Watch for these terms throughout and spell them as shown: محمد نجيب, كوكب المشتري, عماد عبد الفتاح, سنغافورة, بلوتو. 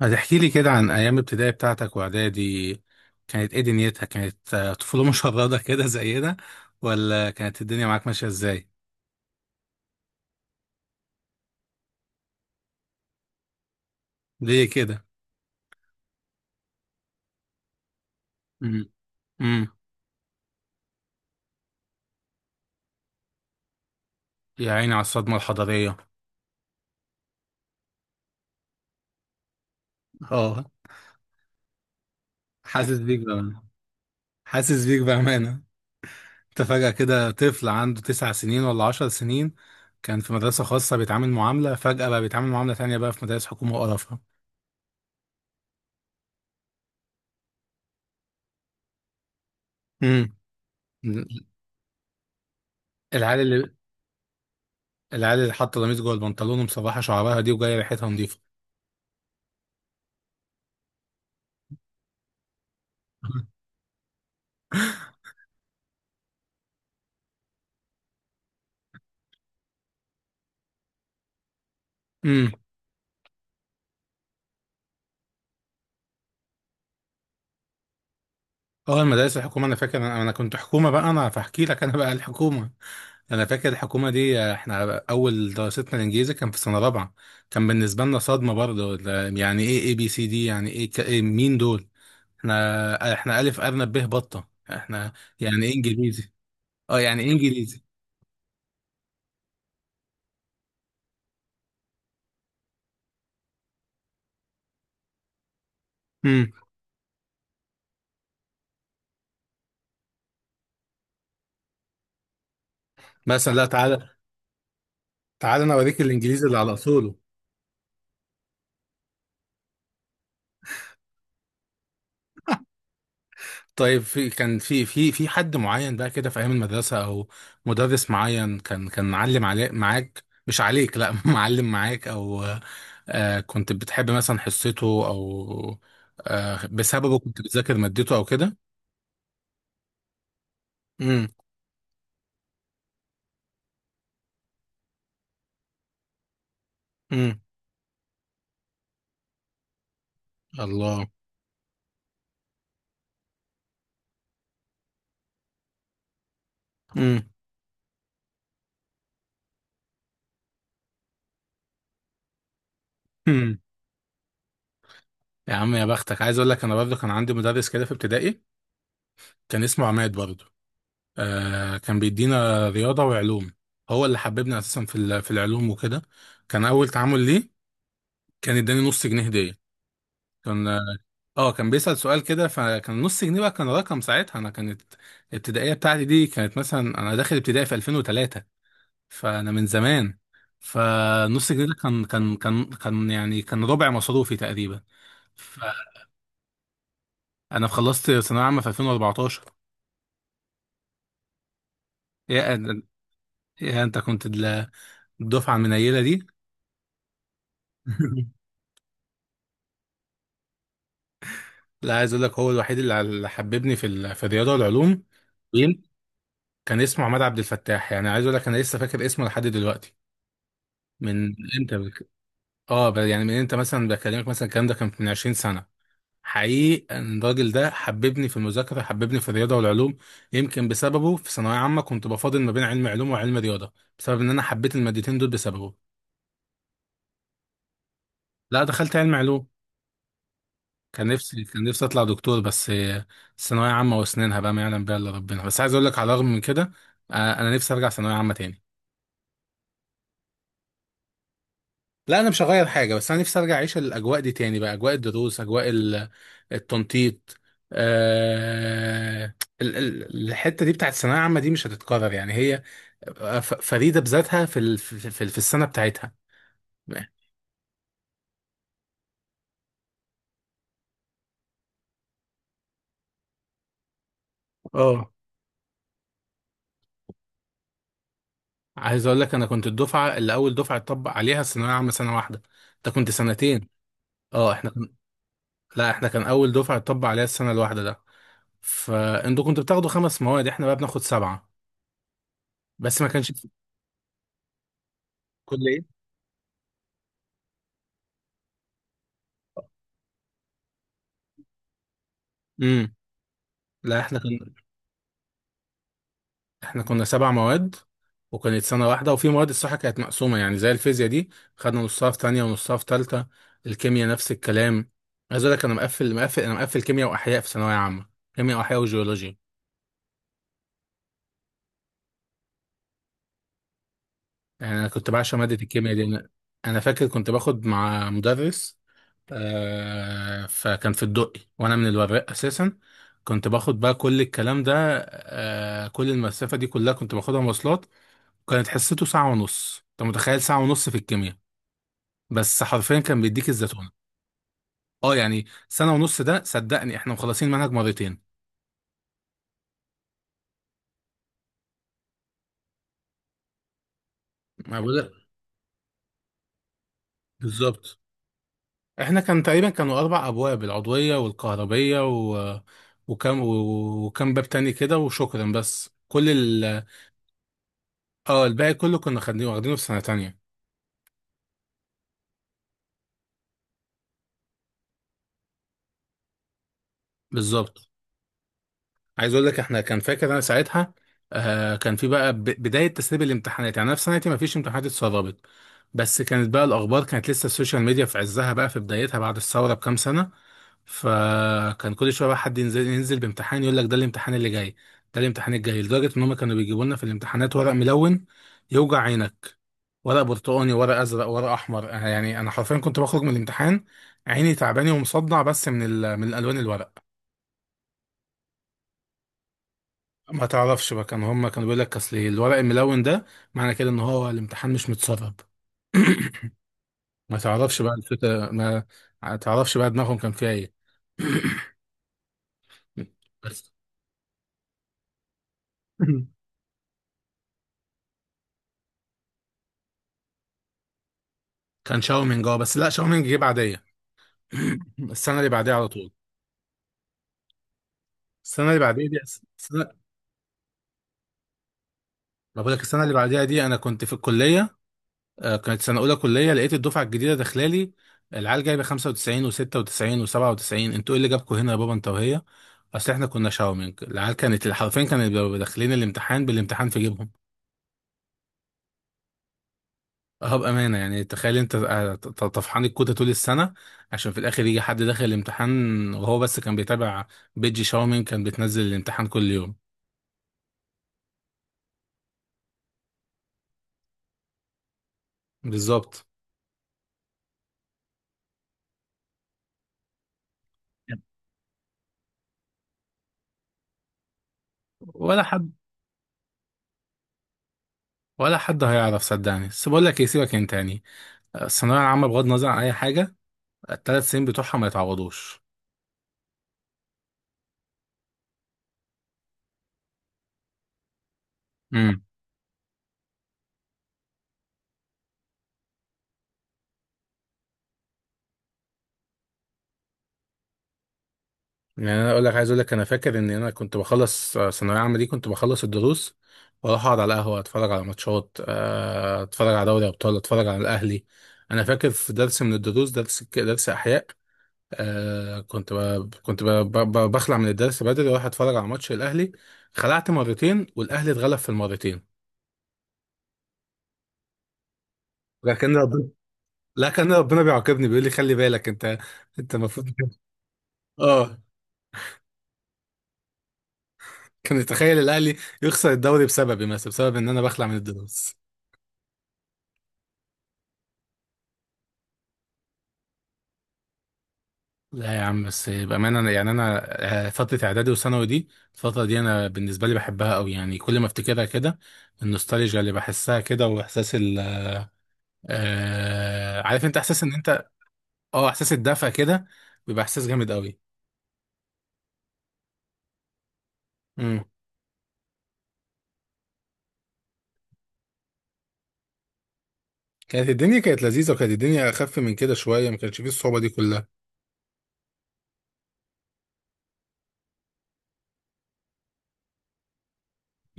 هتحكي لي كده عن أيام ابتدائي بتاعتك وإعدادي كانت إيه دنيتها؟ كانت طفولة مشردة كده زينا، ولا كانت الدنيا معاك ماشية إزاي؟ ليه كده؟ امم. امم. يا عيني على الصدمة الحضارية. اه. حاسس بيك بأمانة. حاسس بيك بأمانة. أنت فجأة كده طفل عنده 9 سنين ولا 10 سنين، كان في مدرسة خاصة بيتعامل معاملة، فجأة بقى بيتعامل معاملة تانية بقى في مدارس حكومة وقرفها. امم. العيال اللي العيال اللي حاطة قميص جوه البنطلون ومصبحة شعرها دي وجاية ريحتها نظيفة. امم. اه المدارس الحكومه، انا فاكر، أنا كنت حكومه بقى، انا فاحكي لك انا بقى الحكومه. انا فاكر الحكومه دي، احنا اول دراستنا الانجليزي كان في سنه رابعه. كان بالنسبه لنا صدمه برضه، يعني ايه اي بي سي دي، يعني ايه إيه مين دول؟ احنا الف ارنب به بطه احنا. يعني ايه انجليزي؟ اه يعني ايه انجليزي؟ امم. مثلا لا، تعالى تعالى انا اوريك الانجليزي اللي على اصوله. طيب في، كان في حد معين بقى كده في ايام المدرسه، او مدرس معين، كان معلم عليك، معاك مش عليك لا معلم معاك، او آه كنت بتحب مثلا حصته، او آه بسببه كنت بتذاكر مادته او كده؟ امم. امم. الله. امم. هم. يا عم يا بختك، عايز اقول لك انا برضه كان عندي مدرس كده في ابتدائي. كان اسمه عماد برضه. آه كان بيدينا رياضه وعلوم. هو اللي حببني اساسا في في العلوم وكده. كان اول تعامل ليه، كان اداني نص جنيه هديه. كان اه كان بيسأل سؤال كده، فكان نص جنيه بقى، كان رقم ساعتها. انا كانت الابتدائيه بتاعتي دي، كانت مثلا انا داخل ابتدائي في 2003. فانا من زمان. فنص جنيه ده كان كان كان كان يعني كان ربع مصروفي تقريبا. فانا خلصت ثانويه عامه في 2014. يا يا انت كنت الدفعه المنيله دي. لا عايز اقول لك هو الوحيد اللي حببني في في الرياضه والعلوم. مين؟ كان اسمه عماد عبد الفتاح، يعني عايز اقول لك انا لسه فاكر اسمه لحد دلوقتي. من انت اه يعني من انت مثلا بكلمك مثلا الكلام ده كان من 20 سنة. حقيقي ان الراجل ده حببني في المذاكرة، حببني في الرياضة والعلوم. يمكن بسببه في ثانوية عامة كنت بفاضل ما بين علم علوم وعلم رياضة، بسبب ان انا حبيت المادتين دول بسببه. لا دخلت علم علوم. كان نفسي اطلع دكتور بس ثانوية عامة واسنانها بقى ما يعلم بها الا ربنا. بس عايز اقول لك على الرغم من كده، انا نفسي ارجع ثانوية عامة تاني. لا انا مش هغير حاجه، بس انا نفسي ارجع اعيش الاجواء دي تاني بقى، اجواء الدروس، اجواء التنطيط. آه الحته دي بتاعت الثانويه العامه دي مش هتتكرر يعني، هي فريده بذاتها في في السنه بتاعتها. اه عايز اقول لك انا كنت الدفعه اللي اول دفعه اتطبق عليها الثانويه العامه سنه واحده. انت كنت سنتين. اه احنا لا احنا كان اول دفعه اتطبق عليها السنه الواحده ده. فانتوا كنتوا بتاخدوا 5 مواد، احنا بقى بناخد 7. بس ما كانش في. كل ايه؟ امم. لا احنا كان، احنا كنا 7 مواد. وكانت سنة واحدة، وفي مواد الصراحة كانت مقسومة يعني، زي الفيزياء دي خدنا نصها في تانية ونصها في تالتة. الكيمياء نفس الكلام. عايز اقول لك انا مقفل كيمياء واحياء في ثانوية عامة، كيمياء واحياء وجيولوجيا. يعني انا كنت بعشق مادة الكيمياء دي انا. أنا فاكر كنت باخد مع مدرس، آه فكان في الدقي وانا من الوراق اساسا. كنت باخد بقى كل الكلام ده، آه، كل المسافة دي كلها كنت باخدها مواصلات. وكانت حصته ساعة ونص. انت متخيل ساعة ونص في الكيمياء؟ بس حرفيا كان بيديك الزتونه. اه يعني سنه ونص ده، صدقني احنا مخلصين منهج مرتين. ما بقول. بالظبط. احنا كان تقريبا كانوا 4 ابواب، العضويه والكهربيه و... وكم باب تاني كده وشكرا، بس كل اه الباقي كله كنا خدين واخدينه في سنه تانية. بالظبط. عايز اقول لك، احنا كان فاكر انا ساعتها، آه، كان في بقى بدايه تسريب الامتحانات. يعني انا في سنتي ما فيش امتحانات اتسربت، بس كانت بقى الاخبار، كانت لسه السوشيال ميديا في عزها بقى، في بدايتها بعد الثوره بكام سنه. فكان كل شويه بقى حد ينزل بامتحان يقول لك ده الامتحان اللي جاي، ده الامتحان الجاي، لدرجه ان هم كانوا بيجيبوا لنا في الامتحانات ورق ملون يوجع عينك. ورق برتقاني، ورق ازرق، ورق احمر. يعني انا حرفيا كنت بخرج من الامتحان عيني تعباني ومصدع، بس من من الالوان الورق. ما تعرفش بقى، كان هم كانوا بيقول لك اصل الورق الملون ده معنى كده ان هو الامتحان مش متسرب. ما تعرفش بقى الفكرة ما، ما تعرفش بقى دماغهم كان فيها ايه. بس كان شاومينج، اه بس لا شاومينج جه بعديه. السنة اللي بعديها على طول، السنة اللي بعديها دي، السنة، ما بقول لك، السنة اللي بعديها دي انا كنت في الكلية. آه، كانت سنة أولى كلية، لقيت الدفعة الجديدة داخلالي. العيال جايبة 95 و96 و97، انتوا ايه اللي جابكوا هنا يا بابا انت وهي؟ أصل احنا كنا شاومينج. العيال كانت حرفيا كانت بيبقوا داخلين الامتحان بالامتحان في جيبهم. اه بأمانة يعني تخيل انت، طفحان الكوتة طول السنة، عشان في الآخر يجي حد داخل الامتحان وهو بس كان بيتابع. بيجي شاومينج، كان بتنزل الامتحان كل يوم. بالظبط. ولا حد ولا حد هيعرف صدقني. بس بقول لك ايه، سيبك انت يعني. آه، الثانويه العامه بغض النظر عن اي حاجه، الـ 3 سنين بتوعها ما يتعوضوش. امم. يعني انا اقول لك، عايز اقول لك انا فاكر ان انا كنت بخلص، آه، ثانويه عامه دي كنت بخلص الدروس واروح اقعد على القهوه، اتفرج على ماتشات، آه، اتفرج على دوري ابطال، اتفرج على الاهلي. انا فاكر في درس من الدروس، درس احياء، آه، كنت بخلع من الدرس بدري واروح اتفرج على ماتش الاهلي. خلعت مرتين والاهلي اتغلب في المرتين. لكن ربنا لكن ربنا بيعاقبني، بيقول لي خلي بالك انت، انت المفروض كده. اه كان، يتخيل الاهلي يخسر الدوري بسببي مثلا، بسبب ان انا بخلع من الدروس. لا يا عم، بس بامانه يعني انا، آه، فتره اعدادي وثانوي دي، الفتره دي انا بالنسبه لي بحبها قوي، يعني كل ما افتكرها كده، النوستالجيا اللي بحسها كده واحساس ال، آه عارف انت احساس ان انت، اه، احساس الدفى كده، بيبقى احساس جامد قوي. امم. كانت الدنيا، كانت لذيذه، وكانت الدنيا اخف من كده شويه، ما كانش فيه الصعوبه دي كلها.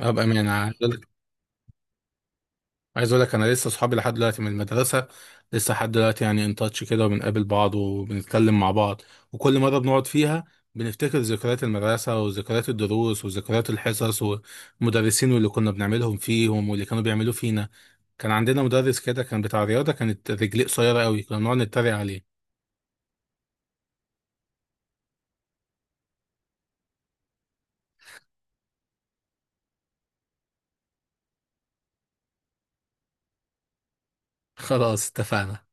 اه بامانه. عايز اقول لك انا لسه صحابي لحد دلوقتي من المدرسه، لسه لحد دلوقتي يعني، ان تاتش كده، وبنقابل بعض وبنتكلم مع بعض. وكل مره بنقعد فيها، بنفتكر ذكريات المدرسه وذكريات الدروس وذكريات الحصص والمدرسين، واللي كنا بنعملهم فيهم واللي كانوا بيعملوه فينا. كان عندنا مدرس كده كان بتاع رياضه، كانت رجليه قصيره قوي، كنا بنقعد نتريق عليه. خلاص اتفقنا.